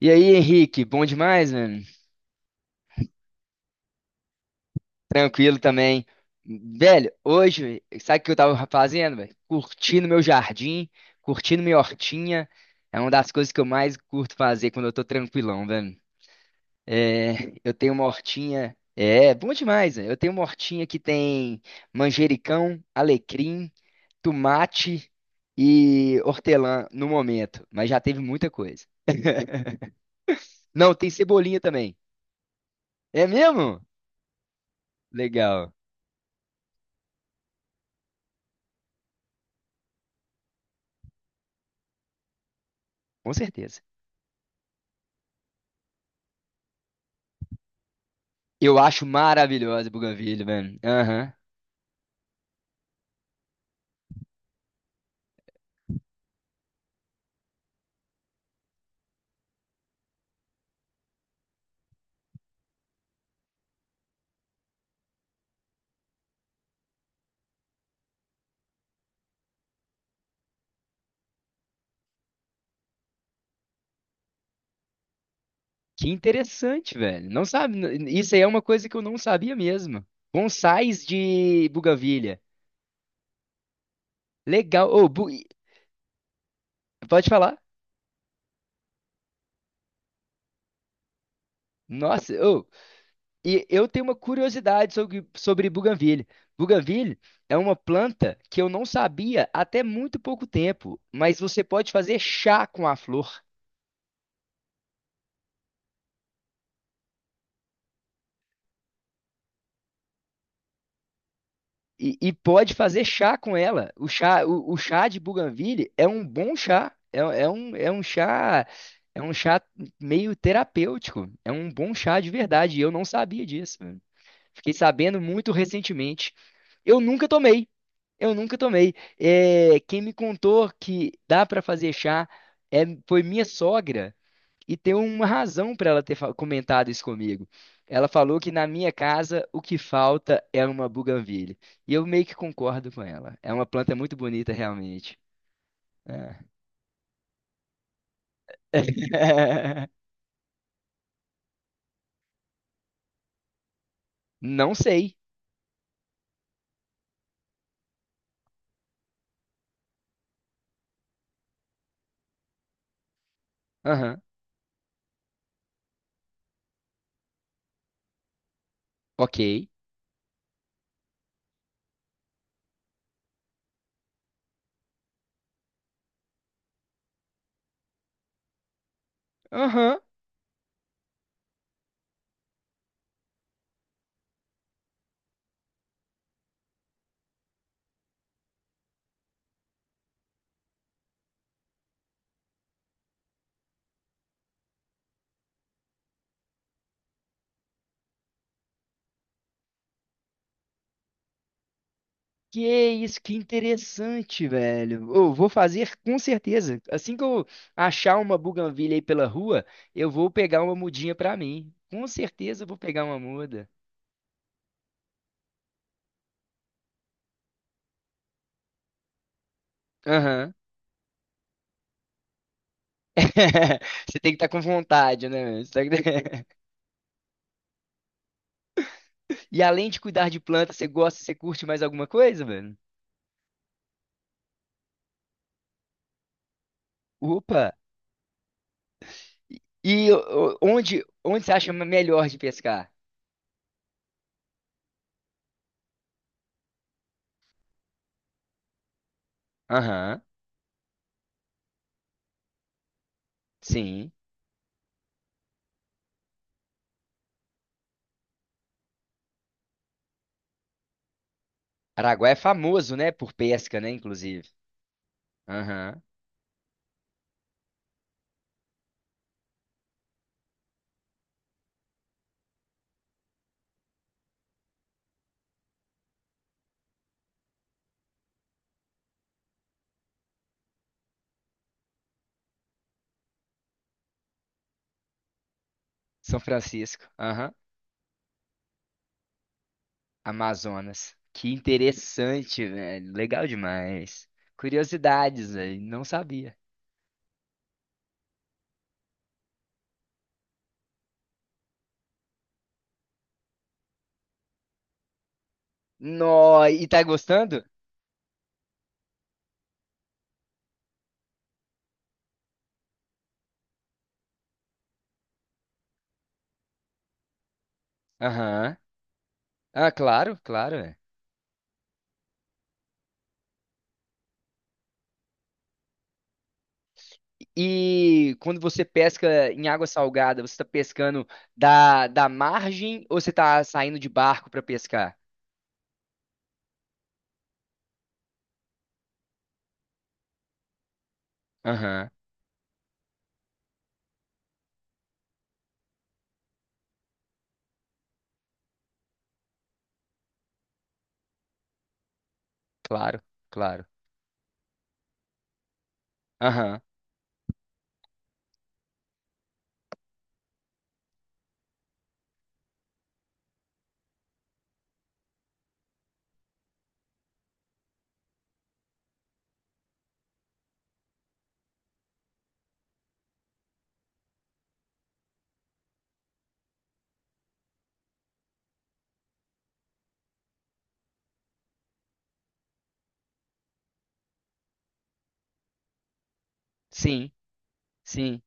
E aí, Henrique, bom demais, mano? Tranquilo também. Velho, hoje, sabe o que eu tava fazendo, velho? Curtindo meu jardim, curtindo minha hortinha. É uma das coisas que eu mais curto fazer quando eu tô tranquilão, velho. É, eu tenho uma hortinha. É, bom demais, velho. Eu tenho uma hortinha que tem manjericão, alecrim, tomate e hortelã no momento, mas já teve muita coisa. Não, tem cebolinha também. É mesmo? Legal, com certeza. Eu acho maravilhosa Buganvília, velho. Aham. Que interessante, velho. Não sabe, isso aí é uma coisa que eu não sabia mesmo. Bonsais de Buganvília. Legal. Ô, pode falar? Nossa, ô, e eu tenho uma curiosidade sobre Buganvília. Buganvília é uma planta que eu não sabia até muito pouco tempo, mas você pode fazer chá com a flor. E pode fazer chá com ela. O chá, o chá de Bougainville é um bom chá. É um chá meio terapêutico. É um bom chá de verdade. E eu não sabia disso, mano. Fiquei sabendo muito recentemente. Eu nunca tomei. Eu nunca tomei. É, quem me contou que dá para fazer chá foi minha sogra. E tem uma razão para ela ter comentado isso comigo. Ela falou que na minha casa o que falta é uma buganvília. E eu meio que concordo com ela. É uma planta muito bonita, realmente. É. Não sei. Aham. Ok. Aham. Que isso, que interessante, velho. Eu vou fazer com certeza. Assim que eu achar uma buganvília aí pela rua, eu vou pegar uma mudinha pra mim. Com certeza eu vou pegar uma muda. Aham. Você tem que estar com vontade, né, mano? Você tá- E além de cuidar de planta, você curte mais alguma coisa, mano? Opa! E ô, onde você acha melhor de pescar? Aham, sim. Araguá é famoso, né? Por pesca, né? Inclusive. Aham. São Francisco. Aham. Amazonas. Que interessante, velho. Legal demais. Curiosidades, velho. Não sabia. Nó, e tá gostando? Aham. Ah, claro, claro, é. E quando você pesca em água salgada, você está pescando da margem ou você está saindo de barco para pescar? Aham, claro, claro. Aham, sim, sim.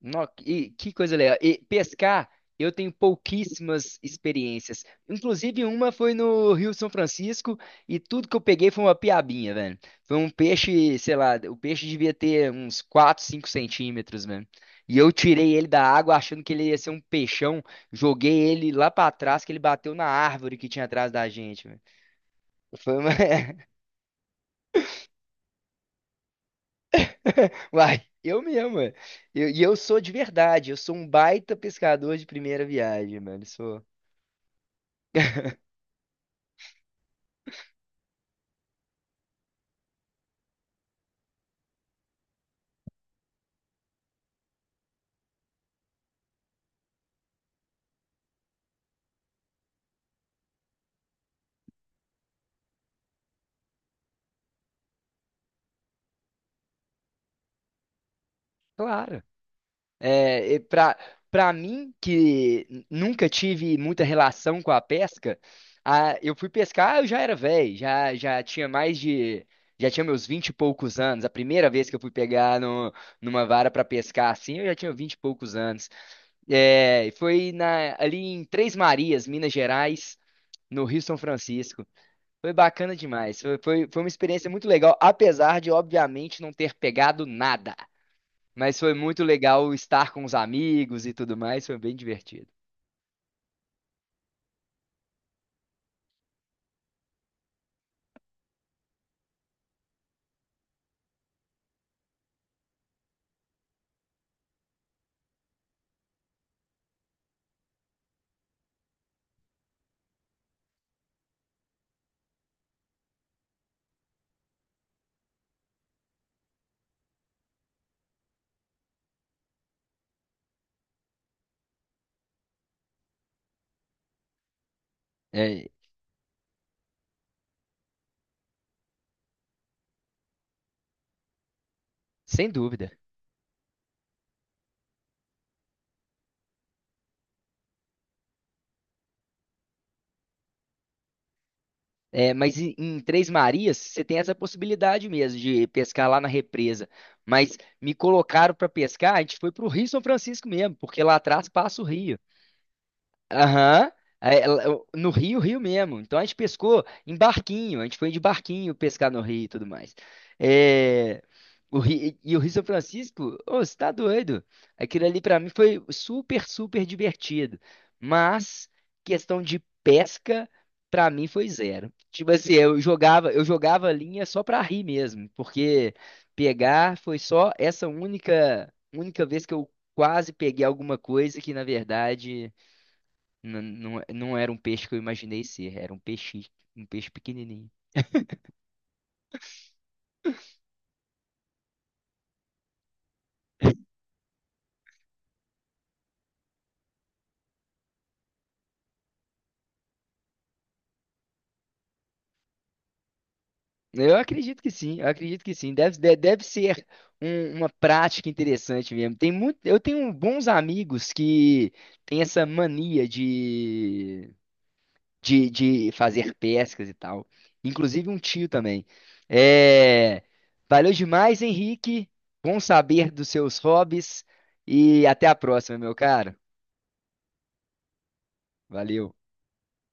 Nó e que coisa legal. E pescar, eu tenho pouquíssimas experiências. Inclusive, uma foi no Rio São Francisco e tudo que eu peguei foi uma piabinha, velho. Foi um peixe, sei lá, o peixe devia ter uns 4, 5 centímetros, velho. E eu tirei ele da água achando que ele ia ser um peixão. Joguei ele lá pra trás, que ele bateu na árvore que tinha atrás da gente, velho. Foi uma. Uai, eu mesmo, velho. E eu, sou de verdade, eu sou um baita pescador de primeira viagem, mano. Sou. Claro. É, e pra mim, que nunca tive muita relação com a pesca, eu fui pescar, eu já era velho, já tinha mais de. Já tinha meus vinte e poucos anos. A primeira vez que eu fui pegar no, numa vara pra pescar assim, eu já tinha vinte e poucos anos. É, e foi ali em Três Marias, Minas Gerais, no Rio São Francisco. Foi bacana demais. Foi uma experiência muito legal, apesar de, obviamente, não ter pegado nada. Mas foi muito legal estar com os amigos e tudo mais, foi bem divertido. É, sem dúvida. É, mas em Três Marias, você tem essa possibilidade mesmo de pescar lá na represa. Mas me colocaram para pescar, a gente foi para o Rio São Francisco mesmo, porque lá atrás passa o rio. Aham. Aí no Rio, Rio mesmo. Então a gente pescou em barquinho, a gente foi de barquinho pescar no Rio e tudo mais. É, o Ri- e o Rio São Francisco, ô, você tá doido? Aquilo ali pra mim foi super, super divertido. Mas questão de pesca, pra mim foi zero. Tipo assim, eu jogava a linha só pra rir mesmo, porque pegar foi só essa única, única vez que eu quase peguei alguma coisa que na verdade. Não, não, não era um peixe que eu imaginei ser, era um peixe pequenininho. Eu acredito que sim, eu acredito que sim. Deve ser uma prática interessante mesmo. Tem muito, eu tenho bons amigos que têm essa mania de, fazer pescas e tal. Inclusive um tio também. É, valeu demais, Henrique. Bom saber dos seus hobbies e até a próxima, meu caro. Valeu.